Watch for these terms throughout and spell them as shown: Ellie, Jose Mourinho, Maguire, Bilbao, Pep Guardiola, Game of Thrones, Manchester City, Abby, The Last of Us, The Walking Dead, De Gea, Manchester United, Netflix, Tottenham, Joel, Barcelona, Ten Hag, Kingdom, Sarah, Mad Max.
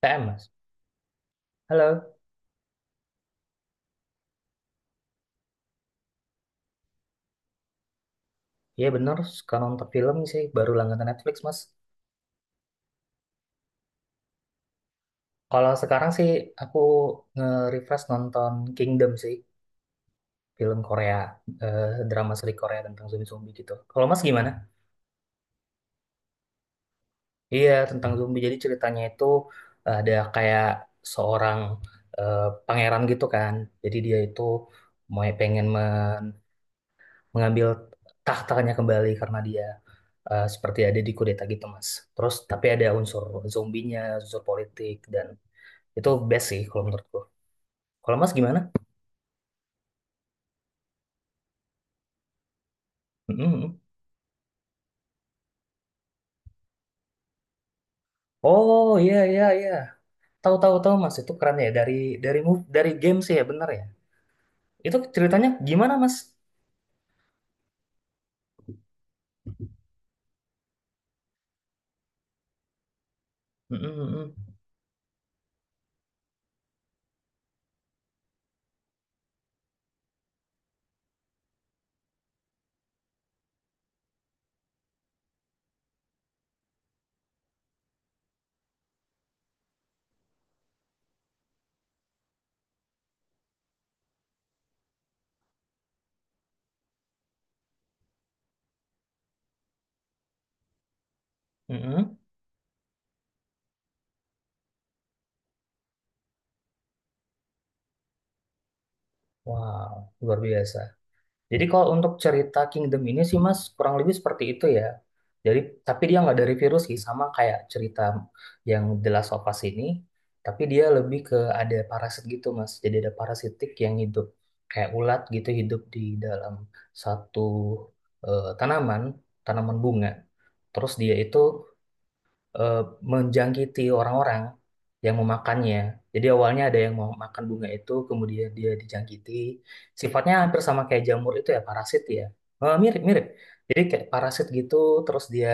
TM, Mas. Halo. Iya bener, suka nonton film sih, baru langganan Netflix, Mas. Kalau sekarang sih aku nge-refresh nonton Kingdom sih, film Korea, drama seri Korea tentang zombie-zombie gitu. Kalau Mas gimana? Iya, tentang zombie. Jadi ceritanya itu ada kayak seorang eh, pangeran gitu kan. Jadi dia itu mau pengen mengambil tahtanya kembali karena dia seperti ada di kudeta gitu Mas. Terus tapi ada unsur zombinya, unsur politik dan itu best sih kalau menurutku. Kalau Mas gimana? Mm-mm. Oh, iya, iya, iya. Tahu, tahu, tahu, Mas itu keren ya dari move dari game sih ya bener ya. Itu ceritanya gimana Mas? Mm-mm, mm-mm. Mm-mm. Wow, luar biasa. Jadi kalau untuk cerita Kingdom ini sih Mas kurang lebih seperti itu ya. Jadi tapi dia nggak dari virus sih sama kayak cerita yang The Last of Us ini, tapi dia lebih ke ada parasit gitu Mas. Jadi ada parasitik yang hidup kayak ulat gitu hidup di dalam satu eh, tanaman, tanaman bunga. Terus dia itu eh, menjangkiti orang-orang yang memakannya. Jadi awalnya ada yang mau makan bunga itu, kemudian dia dijangkiti. Sifatnya hampir sama kayak jamur itu ya, parasit ya. Mirip-mirip. Jadi kayak parasit gitu, terus dia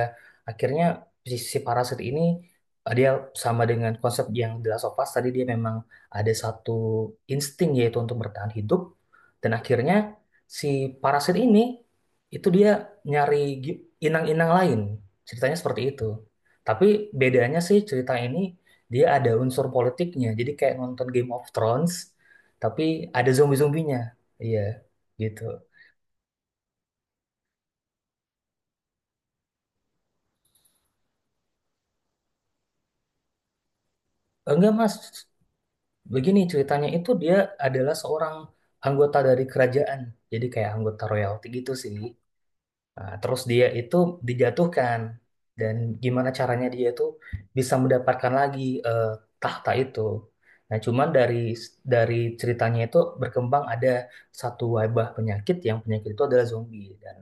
akhirnya si parasit ini dia sama dengan konsep yang di Last of Us, tadi dia memang ada satu insting yaitu untuk bertahan hidup. Dan akhirnya si parasit ini itu dia nyari gi- inang-inang lain. Ceritanya seperti itu. Tapi bedanya sih cerita ini dia ada unsur politiknya. Jadi kayak nonton Game of Thrones, tapi ada zombie-zombinya. Iya, gitu. Enggak, Mas. Begini ceritanya itu dia adalah seorang anggota dari kerajaan. Jadi kayak anggota royalty gitu sih. Nah, terus dia itu dijatuhkan dan gimana caranya dia itu bisa mendapatkan lagi tahta itu. Nah, cuman dari dari ceritanya itu berkembang ada satu wabah penyakit yang penyakit itu adalah zombie dan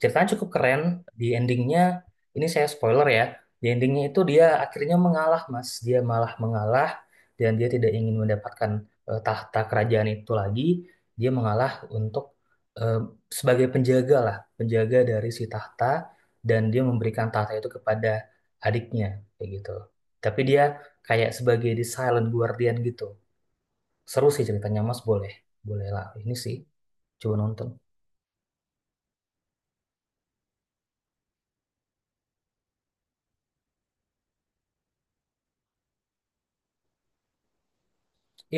ceritanya cukup keren. Di endingnya, ini saya spoiler ya. Di endingnya itu dia akhirnya mengalah, Mas. Dia malah mengalah dan dia tidak ingin mendapatkan tahta kerajaan itu lagi. Dia mengalah untuk eh, sebagai penjaga lah, penjaga dari si tahta dan dia memberikan tahta itu kepada adiknya kayak gitu. Tapi dia kayak sebagai the silent guardian gitu. Seru sih ceritanya, Mas. Boleh, boleh lah. Ini sih coba nonton.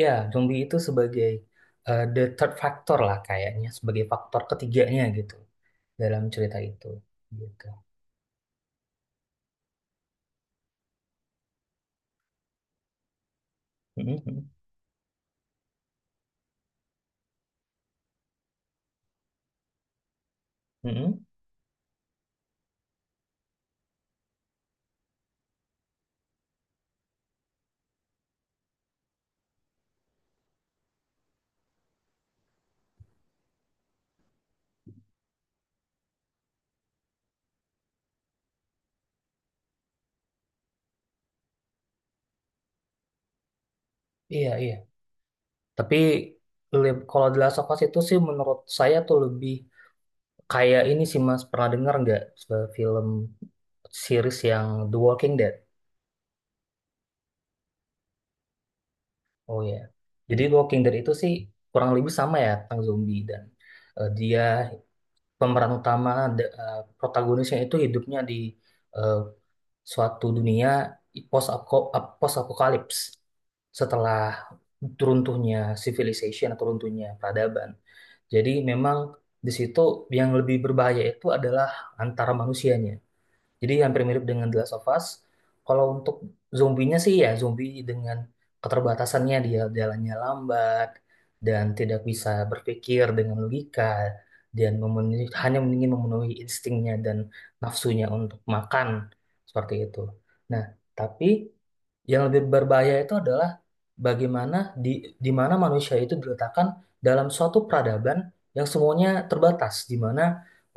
Ya, zombie itu sebagai the third factor lah kayaknya, sebagai faktor ketiganya gitu dalam cerita itu. Gitu. Mhm. Mhm. Iya, iya. Tapi kalau The Last of Us itu sih menurut saya tuh lebih kayak ini sih Mas, pernah dengar nggak film series yang The Walking Dead? Oh ya. Jadi The Walking Dead itu sih kurang lebih sama ya tentang zombie dan dia pemeran utama, protagonisnya itu hidupnya di eh, suatu dunia post post apokalips setelah runtuhnya civilization atau runtuhnya peradaban. Jadi memang di situ yang lebih berbahaya itu adalah antara manusianya. Jadi hampir mirip dengan The Last of Us. Kalau untuk zombinya sih ya zombie dengan keterbatasannya dia jalannya lambat dan tidak bisa berpikir dengan logika dan hanya ingin memenuhi instingnya dan nafsunya untuk makan seperti itu. Nah, tapi yang lebih berbahaya itu adalah bagaimana di mana manusia itu diletakkan dalam suatu peradaban yang semuanya terbatas, di mana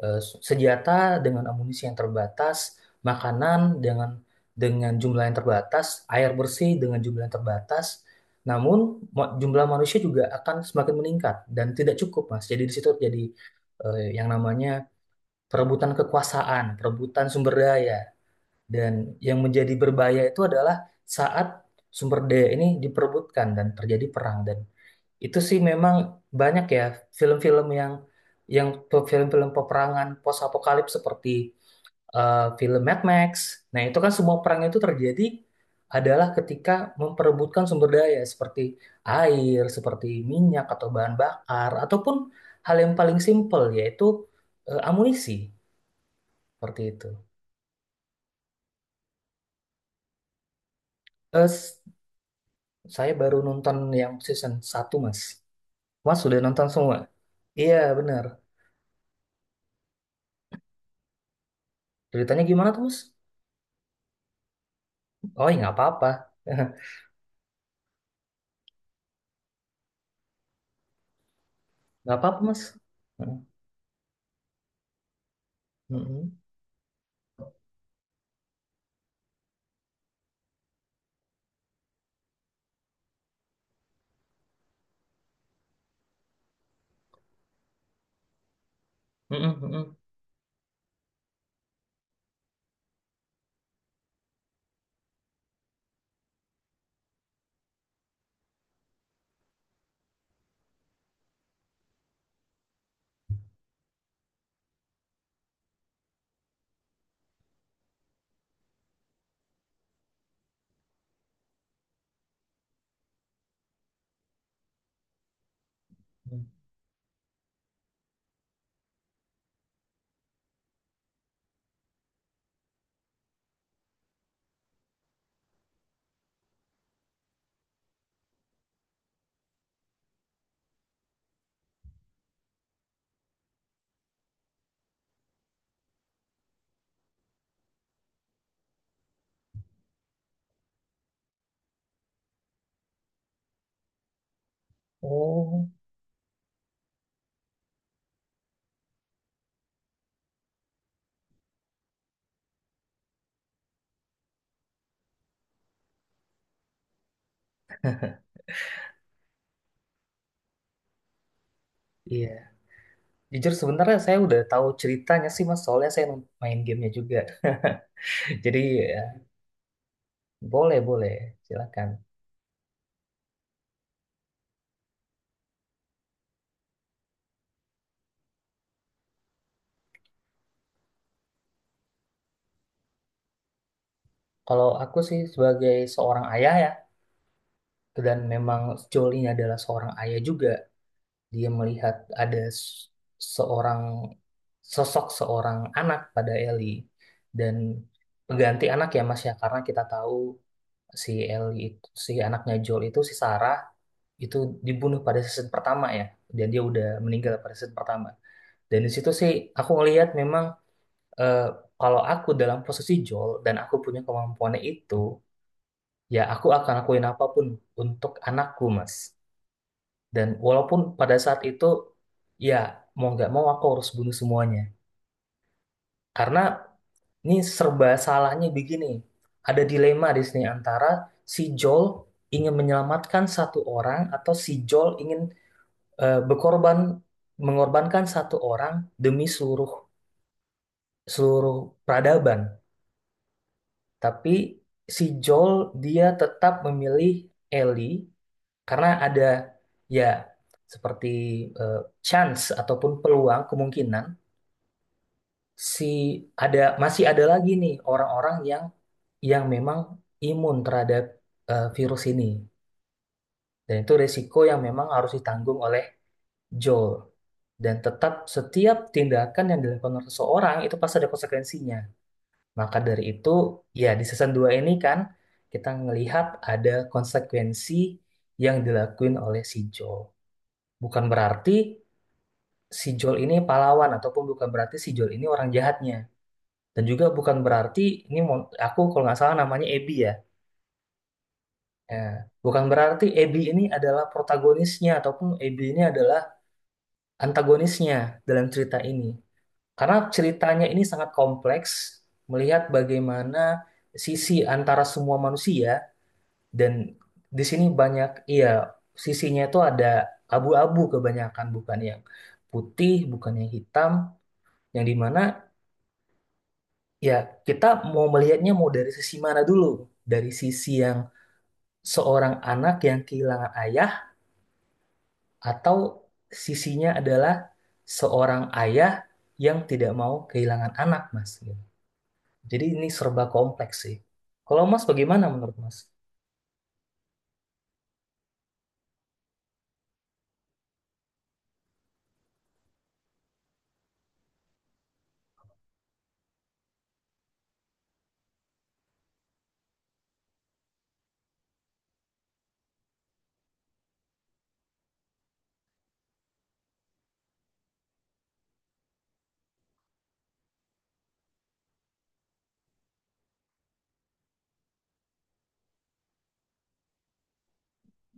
eh, senjata dengan amunisi yang terbatas, makanan dengan jumlah yang terbatas, air bersih dengan jumlah yang terbatas. Namun jumlah manusia juga akan semakin meningkat dan tidak cukup, Mas. Jadi di situ jadi yang namanya perebutan kekuasaan, perebutan sumber daya. Dan yang menjadi berbahaya itu adalah saat sumber daya ini diperebutkan dan terjadi perang dan itu sih memang banyak ya film-film yang film-film peperangan post apokalips seperti film Mad Max. Nah, itu kan semua perang itu terjadi adalah ketika memperebutkan sumber daya seperti air, seperti minyak atau bahan bakar ataupun hal yang paling simpel yaitu amunisi seperti itu. Eh, s- Saya baru nonton yang season satu, Mas. Mas sudah nonton semua? Iya, benar. Ceritanya gimana tuh, Mas? Oh, ya nggak apa-apa. Nggak apa-apa, Mas. Mm-mm. Mm-mm, mm-mm. Oh, iya. Jujur sebenarnya saya udah tahu ceritanya sih, Mas. Soalnya saya main gamenya juga. Jadi, ya, boleh, boleh. Silakan. Kalau aku sih sebagai seorang ayah ya, dan memang Jolly adalah seorang ayah juga. Dia melihat ada seorang sosok seorang anak pada Ellie dan pengganti anak ya Mas ya karena kita tahu si Ellie itu si anaknya Joel itu si Sarah itu dibunuh pada season pertama ya dan dia udah meninggal pada season pertama dan di situ sih aku ngelihat memang eh, kalau aku dalam posisi Joel dan aku punya kemampuannya itu ya aku akan lakuin apapun untuk anakku Mas dan walaupun pada saat itu, ya mau nggak mau aku harus bunuh semuanya. Karena ini serba salahnya begini. Ada dilema di sini antara si Joel ingin menyelamatkan satu orang atau si Joel ingin eh, berkorban mengorbankan satu orang demi seluruh seluruh peradaban. Tapi si Joel dia tetap memilih Ellie karena ada ya seperti eh, chance ataupun peluang kemungkinan si ada masih ada lagi nih orang-orang yang memang imun terhadap virus ini dan itu resiko yang memang harus ditanggung oleh Joel dan tetap setiap tindakan yang dilakukan oleh seseorang itu pasti ada konsekuensinya maka dari itu ya di season 2 ini kan kita melihat ada konsekuensi yang dilakuin oleh si Joel bukan berarti si Joel ini pahlawan ataupun bukan berarti si Joel ini orang jahatnya. Dan juga bukan berarti ini aku kalau nggak salah namanya Abby ya. Ya, bukan berarti Abby ini adalah protagonisnya ataupun Abby ini adalah antagonisnya dalam cerita ini. Karena ceritanya ini sangat kompleks melihat bagaimana sisi antara semua manusia dan di sini banyak iya sisinya itu ada abu-abu kebanyakan bukan yang putih, bukan yang hitam, yang dimana ya kita mau melihatnya mau dari sisi mana dulu? Dari sisi yang seorang anak yang kehilangan ayah atau sisinya adalah seorang ayah yang tidak mau kehilangan anak, Mas. Gitu. Jadi ini serba kompleks sih. Kalau Mas bagaimana menurut Mas?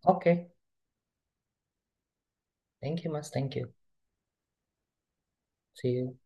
Oke. Thank you, Mas. Thank you. See you.